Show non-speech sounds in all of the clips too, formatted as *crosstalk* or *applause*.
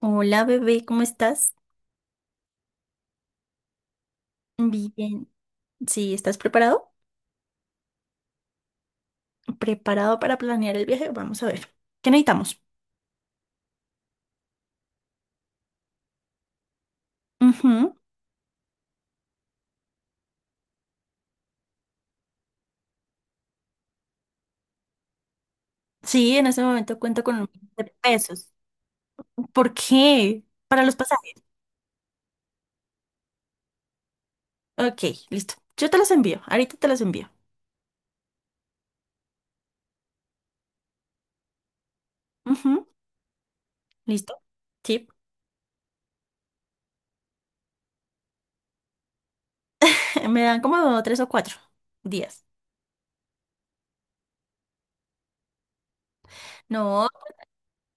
Hola bebé, ¿cómo estás? Bien. Sí, ¿estás preparado? ¿Preparado para planear el viaje? Vamos a ver. ¿Qué necesitamos? Ujú. Sí, en este momento cuento con $1.000.000. ¿Por qué? Para los pasajes. Ok, listo. Yo te los envío. Ahorita te los envío. Ujú. ¿Listo? Sí. *laughs* Me dan como tres o cuatro días. No,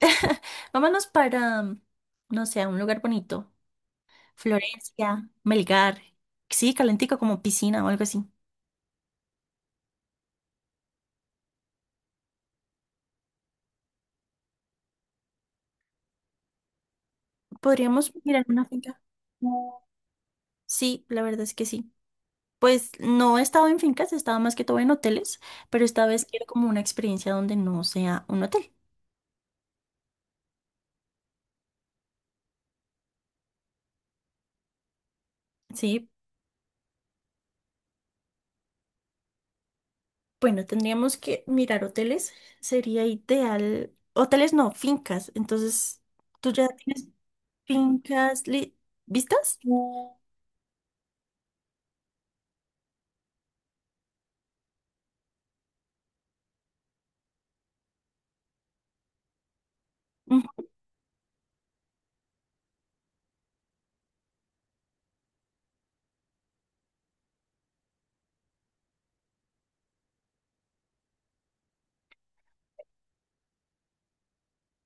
*laughs* vámonos para, no sé, a un lugar bonito. Florencia, Melgar. Sí, calentico como piscina o algo así. Podríamos mirar una finca. Sí, la verdad es que sí. Pues no he estado en fincas, he estado más que todo en hoteles, pero esta vez quiero como una experiencia donde no sea un hotel. Sí, bueno, tendríamos que mirar hoteles, sería ideal. Hoteles no, fincas. Entonces, ¿tú ya tienes fincas vistas? Mm,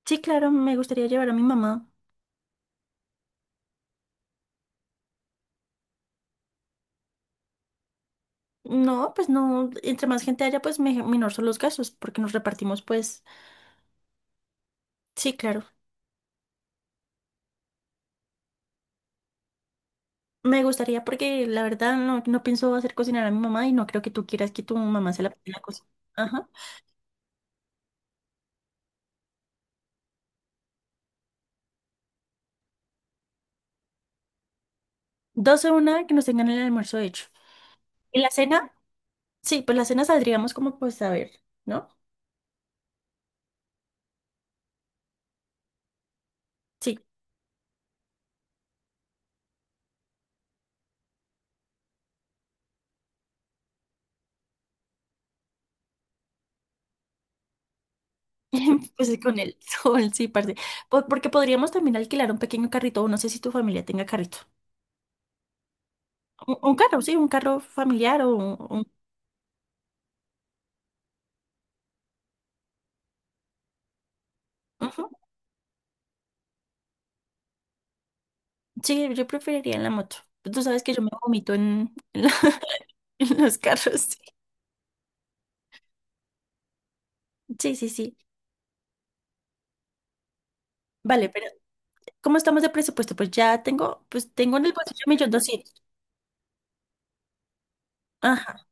sí, claro, me gustaría llevar a mi mamá. No, pues no, entre más gente haya, pues menor son los gastos, porque nos repartimos, pues, sí, claro. Me gustaría porque la verdad no, no pienso hacer cocinar a mi mamá y no creo que tú quieras que tu mamá se la ponga a cocinar. Ajá. Doce una que nos tengan el almuerzo hecho. ¿Y la cena? Sí, pues la cena saldríamos como pues a ver, ¿no? Sí. *laughs* Pues con el *laughs* sol, sí, parce. Porque podríamos también alquilar un pequeño carrito, o no sé si tu familia tenga carrito. Un carro, sí, un carro familiar o un- ujú. Sí, yo preferiría la moto. Tú sabes que yo me vomito *laughs* en los carros. Sí, sí, sí. Sí. Vale, pero... ¿Cómo estamos de presupuesto? Pues ya tengo, pues tengo en el bolsillo 1.200.000. Ajá.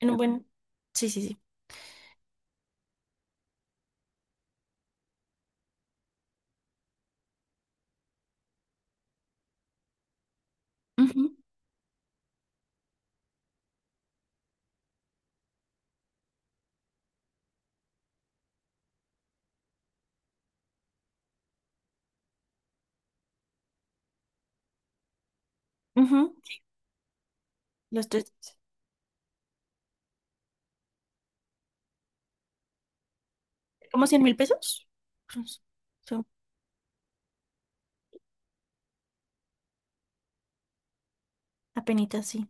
En un buen. Sí, sí, sí. Ujú, ujú. Los tres. ¿Como $100.000? Pues, son apenitas, sí.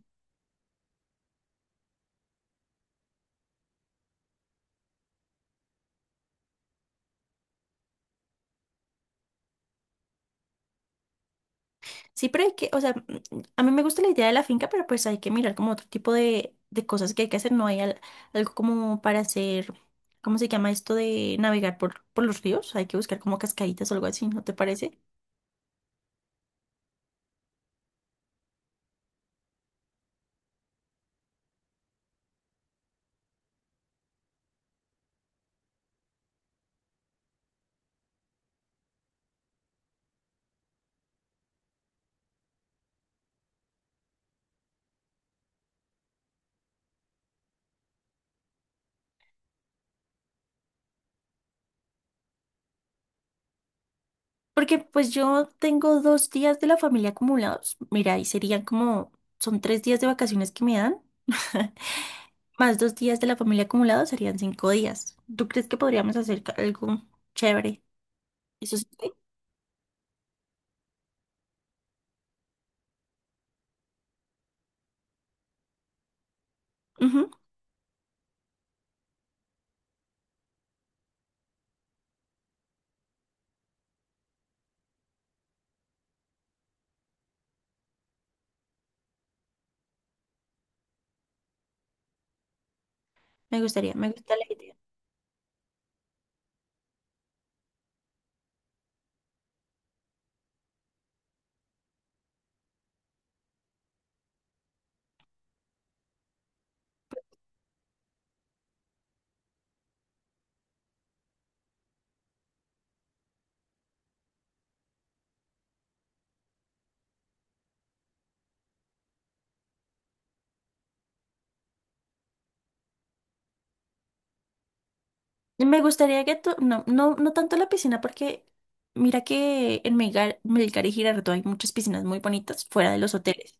Sí, pero hay que, o sea, a mí me gusta la idea de la finca, pero pues hay que mirar como otro tipo de cosas que hay que hacer. No hay algo como para hacer, ¿cómo se llama esto de navegar por los ríos? Hay que buscar como cascaditas o algo así, ¿no te parece? Porque pues yo tengo 2 días de la familia acumulados. Mira, y serían como, son 3 días de vacaciones que me dan, *laughs* más 2 días de la familia acumulados serían 5 días. ¿Tú crees que podríamos hacer algo chévere? Eso sí. Sí. Ujú. Me gustaría, me gusta la idea. Y me gustaría que tú, no, no, no tanto la piscina porque mira que en Melgar, Melgar y Girardot hay muchas piscinas muy bonitas fuera de los hoteles.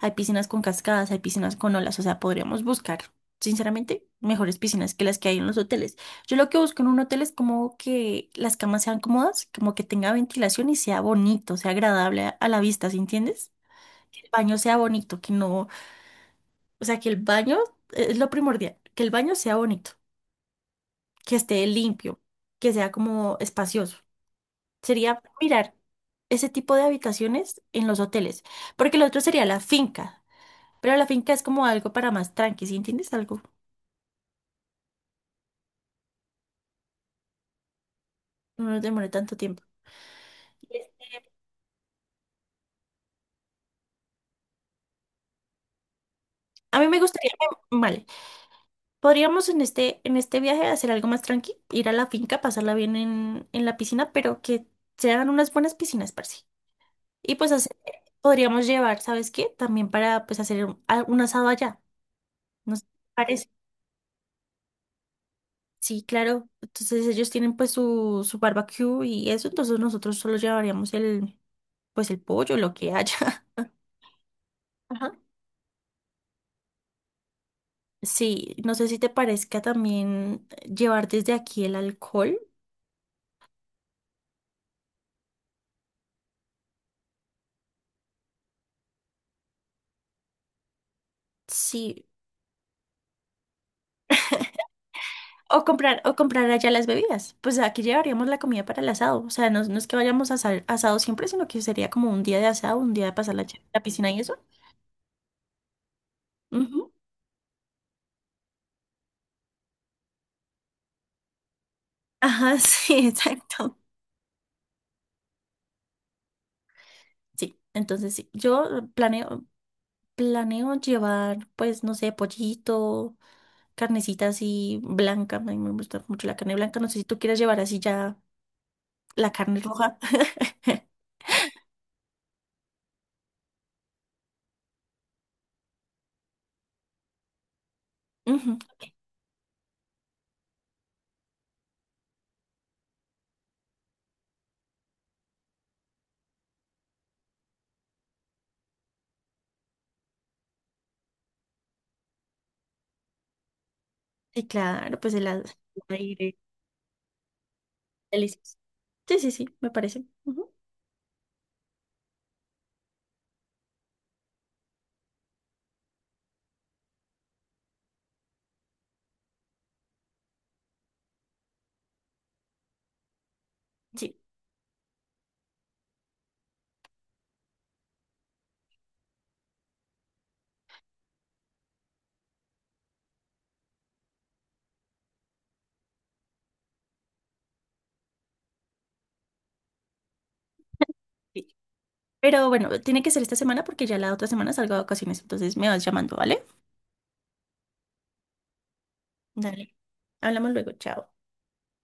Hay piscinas con cascadas, hay piscinas con olas, o sea, podríamos buscar, sinceramente, mejores piscinas que las que hay en los hoteles. Yo lo que busco en un hotel es como que las camas sean cómodas, como que tenga ventilación y sea bonito, sea agradable a la vista, ¿sí entiendes? Que el baño sea bonito, que no, o sea, que el baño es lo primordial, que el baño sea bonito, que esté limpio, que sea como espacioso. Sería mirar ese tipo de habitaciones en los hoteles, porque lo otro sería la finca. Pero la finca es como algo para más tranqui, ¿sí entiendes algo? No nos demore tanto tiempo. A mí me gustaría, vale, podríamos en este viaje hacer algo más tranqui, ir a la finca, pasarla bien en la piscina, pero que sean unas buenas piscinas, parce. Y pues hacer- podríamos llevar, ¿sabes qué? También para pues hacer un asado allá, ¿no sé qué te parece? Sí, claro. Entonces ellos tienen pues su barbecue y eso, entonces nosotros solo llevaríamos el, pues el pollo, lo que haya. *laughs* Ajá. Sí, no sé si te parezca también llevar desde aquí el alcohol. Sí. O comprar allá las bebidas. Pues aquí llevaríamos la comida para el asado. O sea, no, no es que vayamos a asado siempre, sino que sería como un día de asado, un día de pasar la, ch- la piscina y eso. Ujú. Ajá, *laughs* sí, exacto. Sí, entonces sí, yo planeo, planeo llevar, pues, no sé, pollito, carnecita así blanca. A mí me gusta mucho la carne blanca. No sé si tú quieres llevar así ya la carne roja. *laughs* Ujú. Sí, claro, pues el, el aire delicioso. Sí, sí, sí, me parece. Ujú. Sí, sí. Pero bueno, tiene que ser esta semana porque ya la otra semana salgo de vacaciones, entonces me vas llamando, ¿vale? Dale. Hablamos luego, chao.